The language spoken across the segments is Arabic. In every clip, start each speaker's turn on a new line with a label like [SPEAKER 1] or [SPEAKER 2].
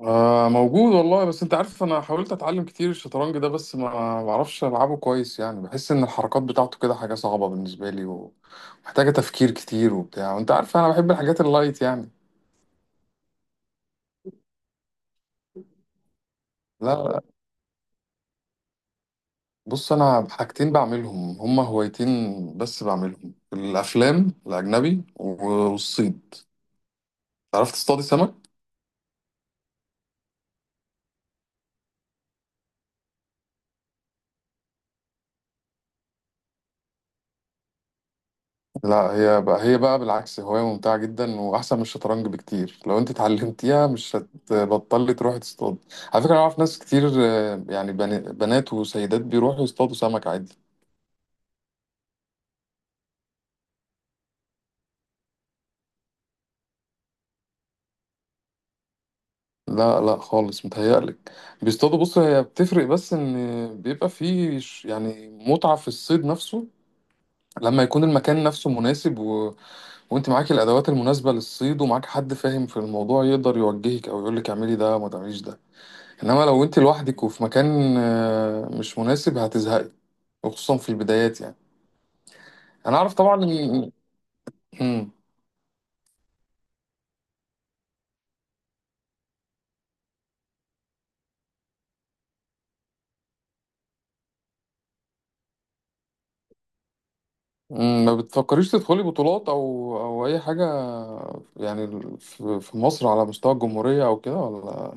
[SPEAKER 1] آه، موجود والله. بس انت عارف، انا حاولت اتعلم كتير الشطرنج ده بس ما بعرفش العبه كويس. يعني بحس ان الحركات بتاعته كده حاجة صعبة بالنسبة لي ومحتاجة تفكير كتير وبتاع، وانت عارف انا بحب الحاجات اللايت يعني. لا. بص، انا حاجتين بعملهم هما هوايتين، بس بعملهم: الافلام الاجنبي والصيد. عرفت تصطادي سمك؟ لا، هي بقى بالعكس هواية ممتعة جدا، وأحسن من الشطرنج بكتير. لو أنت اتعلمتيها مش هتبطلي تروحي تصطاد. على فكرة أنا أعرف ناس كتير، آه، يعني بنات وسيدات بيروحوا يصطادوا سمك عادي. لا لا خالص، متهيألك. بيصطادوا. بص، هي بتفرق، بس إن بيبقى فيه يعني متعة في الصيد نفسه، لما يكون المكان نفسه مناسب، و... وأنت معاكي الأدوات المناسبة للصيد، ومعاك حد فاهم في الموضوع يقدر يوجهك أو يقولك اعملي ده ما تعمليش ده. انما لو انت لوحدك وفي مكان مش مناسب هتزهقي، وخصوصا في البدايات يعني. انا عارف طبعا ان مم. ما بتفكريش تدخلي بطولات او او اي حاجه، يعني في مصر على مستوى الجمهوريه او كده ولا؟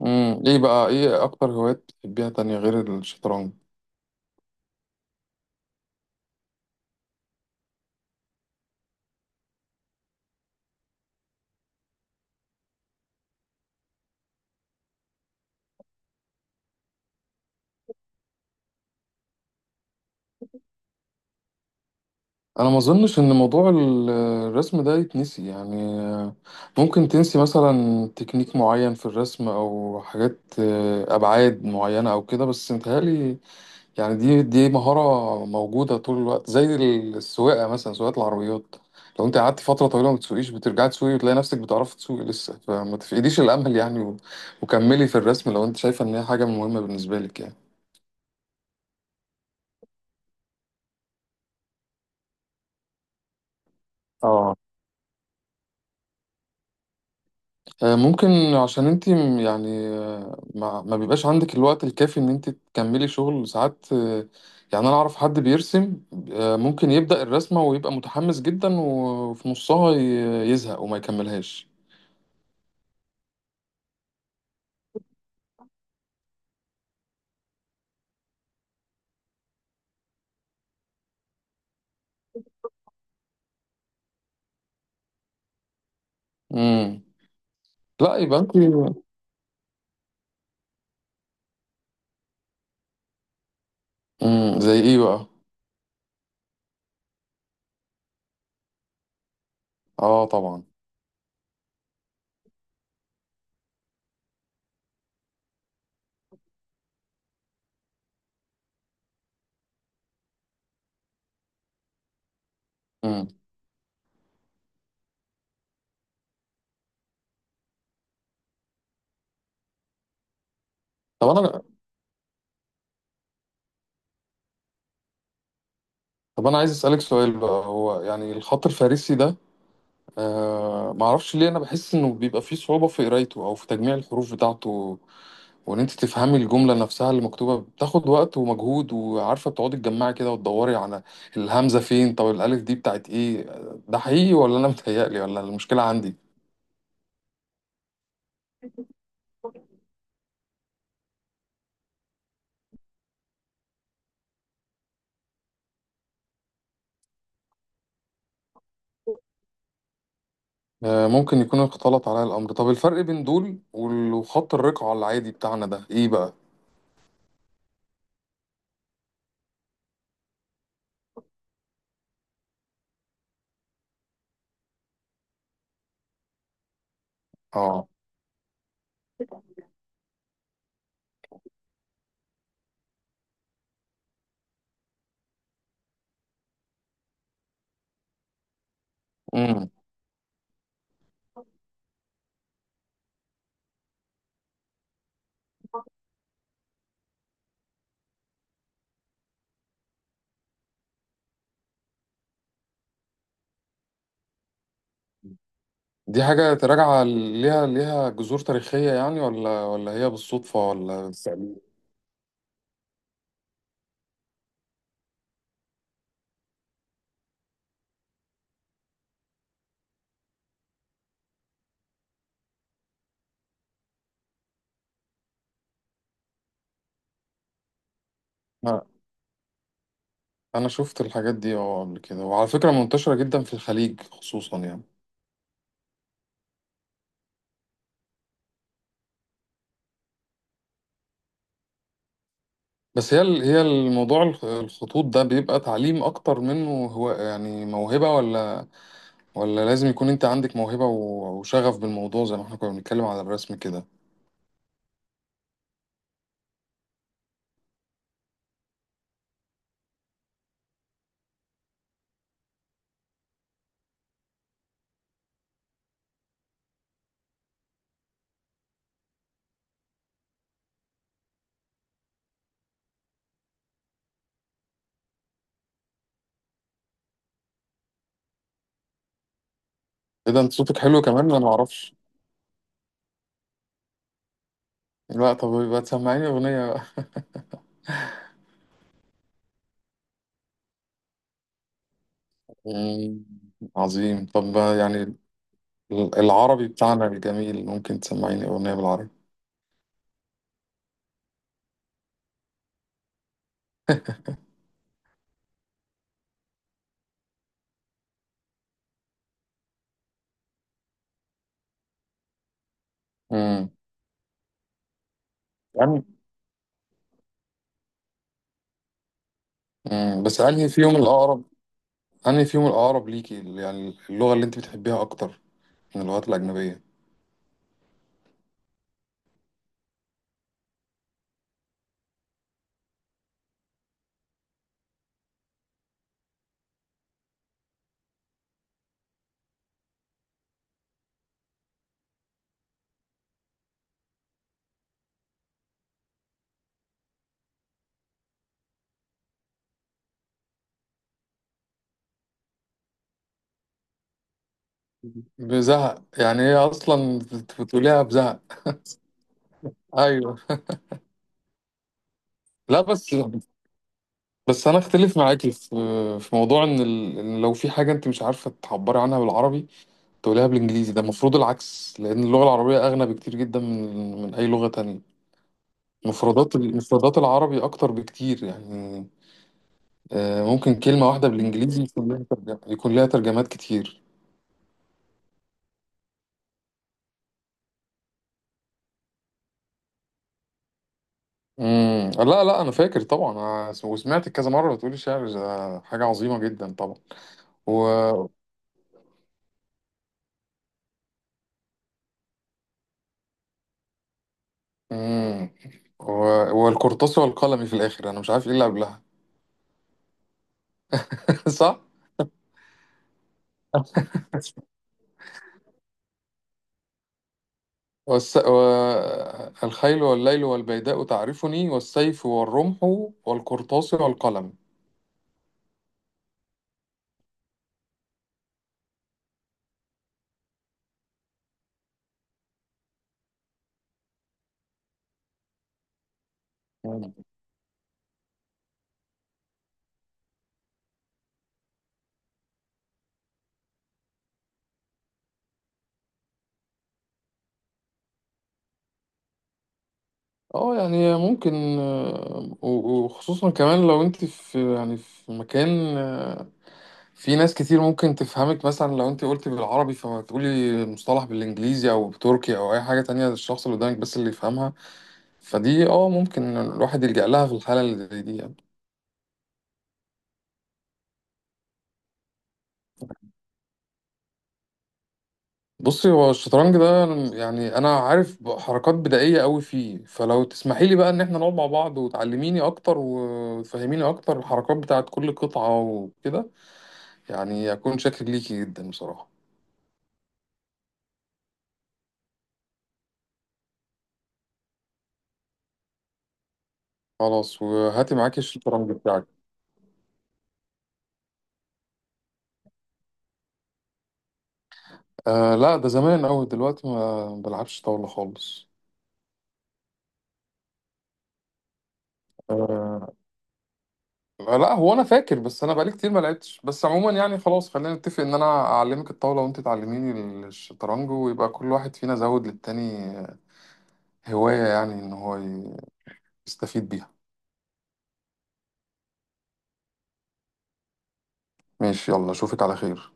[SPEAKER 1] ايه بقى، ايه اكتر هوايات بتحبيها تانية غير الشطرنج؟ انا ما اظنش ان موضوع الرسم ده يتنسي يعني. آه، ممكن تنسي مثلا تكنيك معين في الرسم او حاجات، آه، ابعاد معينه او كده، بس متهيألي يعني دي مهارة موجودة طول الوقت، زي السواقة مثلا، سواقة العربيات. لو انت قعدت فترة طويلة ما تسوقيش بترجعي تسوقي، وتلاقي نفسك بتعرفي تسوقي لسه. فما تفقديش الأمل يعني، و... وكملي في الرسم لو انت شايفة ان هي حاجة مهمة بالنسبة لك يعني. اه، آه، ممكن. عشان انت يعني آه، ما بيبقاش عندك الوقت الكافي ان انت تكملي شغل ساعات، آه، يعني انا اعرف حد بيرسم، آه، ممكن يبدأ الرسمة ويبقى متحمس جدا، وفي نصها يزهق وما يكملهاش. لا، يبقى انت. امم، زي ايه بقى؟ اه طبعا. امم. طب انا طب انا عايز اسالك سؤال بقى، هو يعني الخط الفارسي ده، آه، ما اعرفش ليه انا بحس انه بيبقى فيه صعوبة في قرايته او في تجميع الحروف بتاعته، وان انت تفهمي الجملة نفسها اللي مكتوبة بتاخد وقت ومجهود. وعارفة بتقعدي تجمعي كده وتدوري على الهمزة فين، طب الالف دي بتاعت ايه؟ ده حقيقي ولا انا متهيألي، ولا المشكلة عندي؟ آه، ممكن يكون اختلط عليا الأمر. طب الفرق بين دول وخط الرقعة العادي بتاعنا ده إيه بقى؟ اه. امم. دي حاجة تراجع ليها جذور تاريخية يعني، ولا ولا هي بالصدفة ولا بالتأليف؟ لا، أنا شفت الحاجات دي اه قبل كده، وعلى فكرة منتشرة جدا في الخليج خصوصا يعني. بس هي هي الموضوع الخطوط ده بيبقى تعليم أكتر منه، هو يعني موهبة، ولا ولا لازم يكون أنت عندك موهبة وشغف بالموضوع، زي ما احنا كنا بنتكلم على الرسم كده؟ إيه ده، أنت صوتك حلو كمان؟ أنا معرفش. لا، طب يبقى تسمعيني أغنية بقى. مم، عظيم. طب يعني العربي بتاعنا الجميل، ممكن تسمعيني أغنية بالعربي؟ امم. يعني امم، بس أنهي فيهم الأقرب، أنهي فيهم الأقرب ليكي يعني، اللغة اللي أنت بتحبيها أكتر من اللغات الأجنبية؟ بزهق؟ يعني هي أصلا بتقوليها بزهق؟ أيوه. لا بس، بس أنا أختلف معاكي في في موضوع إن إن لو في حاجة أنت مش عارفة تعبري عنها بالعربي تقوليها بالإنجليزي، ده المفروض العكس، لأن اللغة العربية أغنى بكتير جدا من أي لغة تانية. مفردات العربي اكتر بكتير يعني، آه، ممكن كلمة واحدة بالإنجليزي يكون لها ترجمة، يكون لها ترجمات كتير. امم، لا لا أنا فاكر طبعا، آه، وسمعت كذا مرة بتقولي شعر، ده حاجة عظيمة جدا طبعا. و امم. و... والقرطاس والقلم في الآخر، أنا مش عارف إيه اللي قبلها صح؟ والس... و... الخيل والليل والبيداء تعرفني، والسيف والرمح والقرطاس والقلم. مم. اه يعني ممكن، آه، وخصوصا كمان لو انت في يعني في مكان في ناس كتير ممكن تفهمك، مثلا لو انت قلت بالعربي فما تقولي المصطلح بالانجليزي او بتركي او اي حاجه تانية، الشخص اللي قدامك بس اللي يفهمها، فدي اه ممكن الواحد يلجأ لها في الحاله اللي زي دي يعني. بصي، هو الشطرنج ده يعني انا عارف حركات بدائيه قوي فيه، فلو تسمحي لي بقى ان احنا نقعد مع بعض وتعلميني اكتر وتفهميني اكتر الحركات بتاعت كل قطعه وكده، يعني اكون شاكر ليكي جدا بصراحه. خلاص، وهاتي معاكي الشطرنج بتاعك. آه لا، ده زمان أوي، دلوقتي ما بلعبش طاولة خالص. آه، لا هو أنا فاكر، بس أنا بقالي كتير ما لعبتش. بس عموما يعني خلاص، خلينا نتفق إن أنا أعلمك الطاولة وأنت تعلميني الشطرنج، ويبقى كل واحد فينا زود للتاني هواية يعني، إن هو يستفيد بيها. ماشي، يلا أشوفك على خير.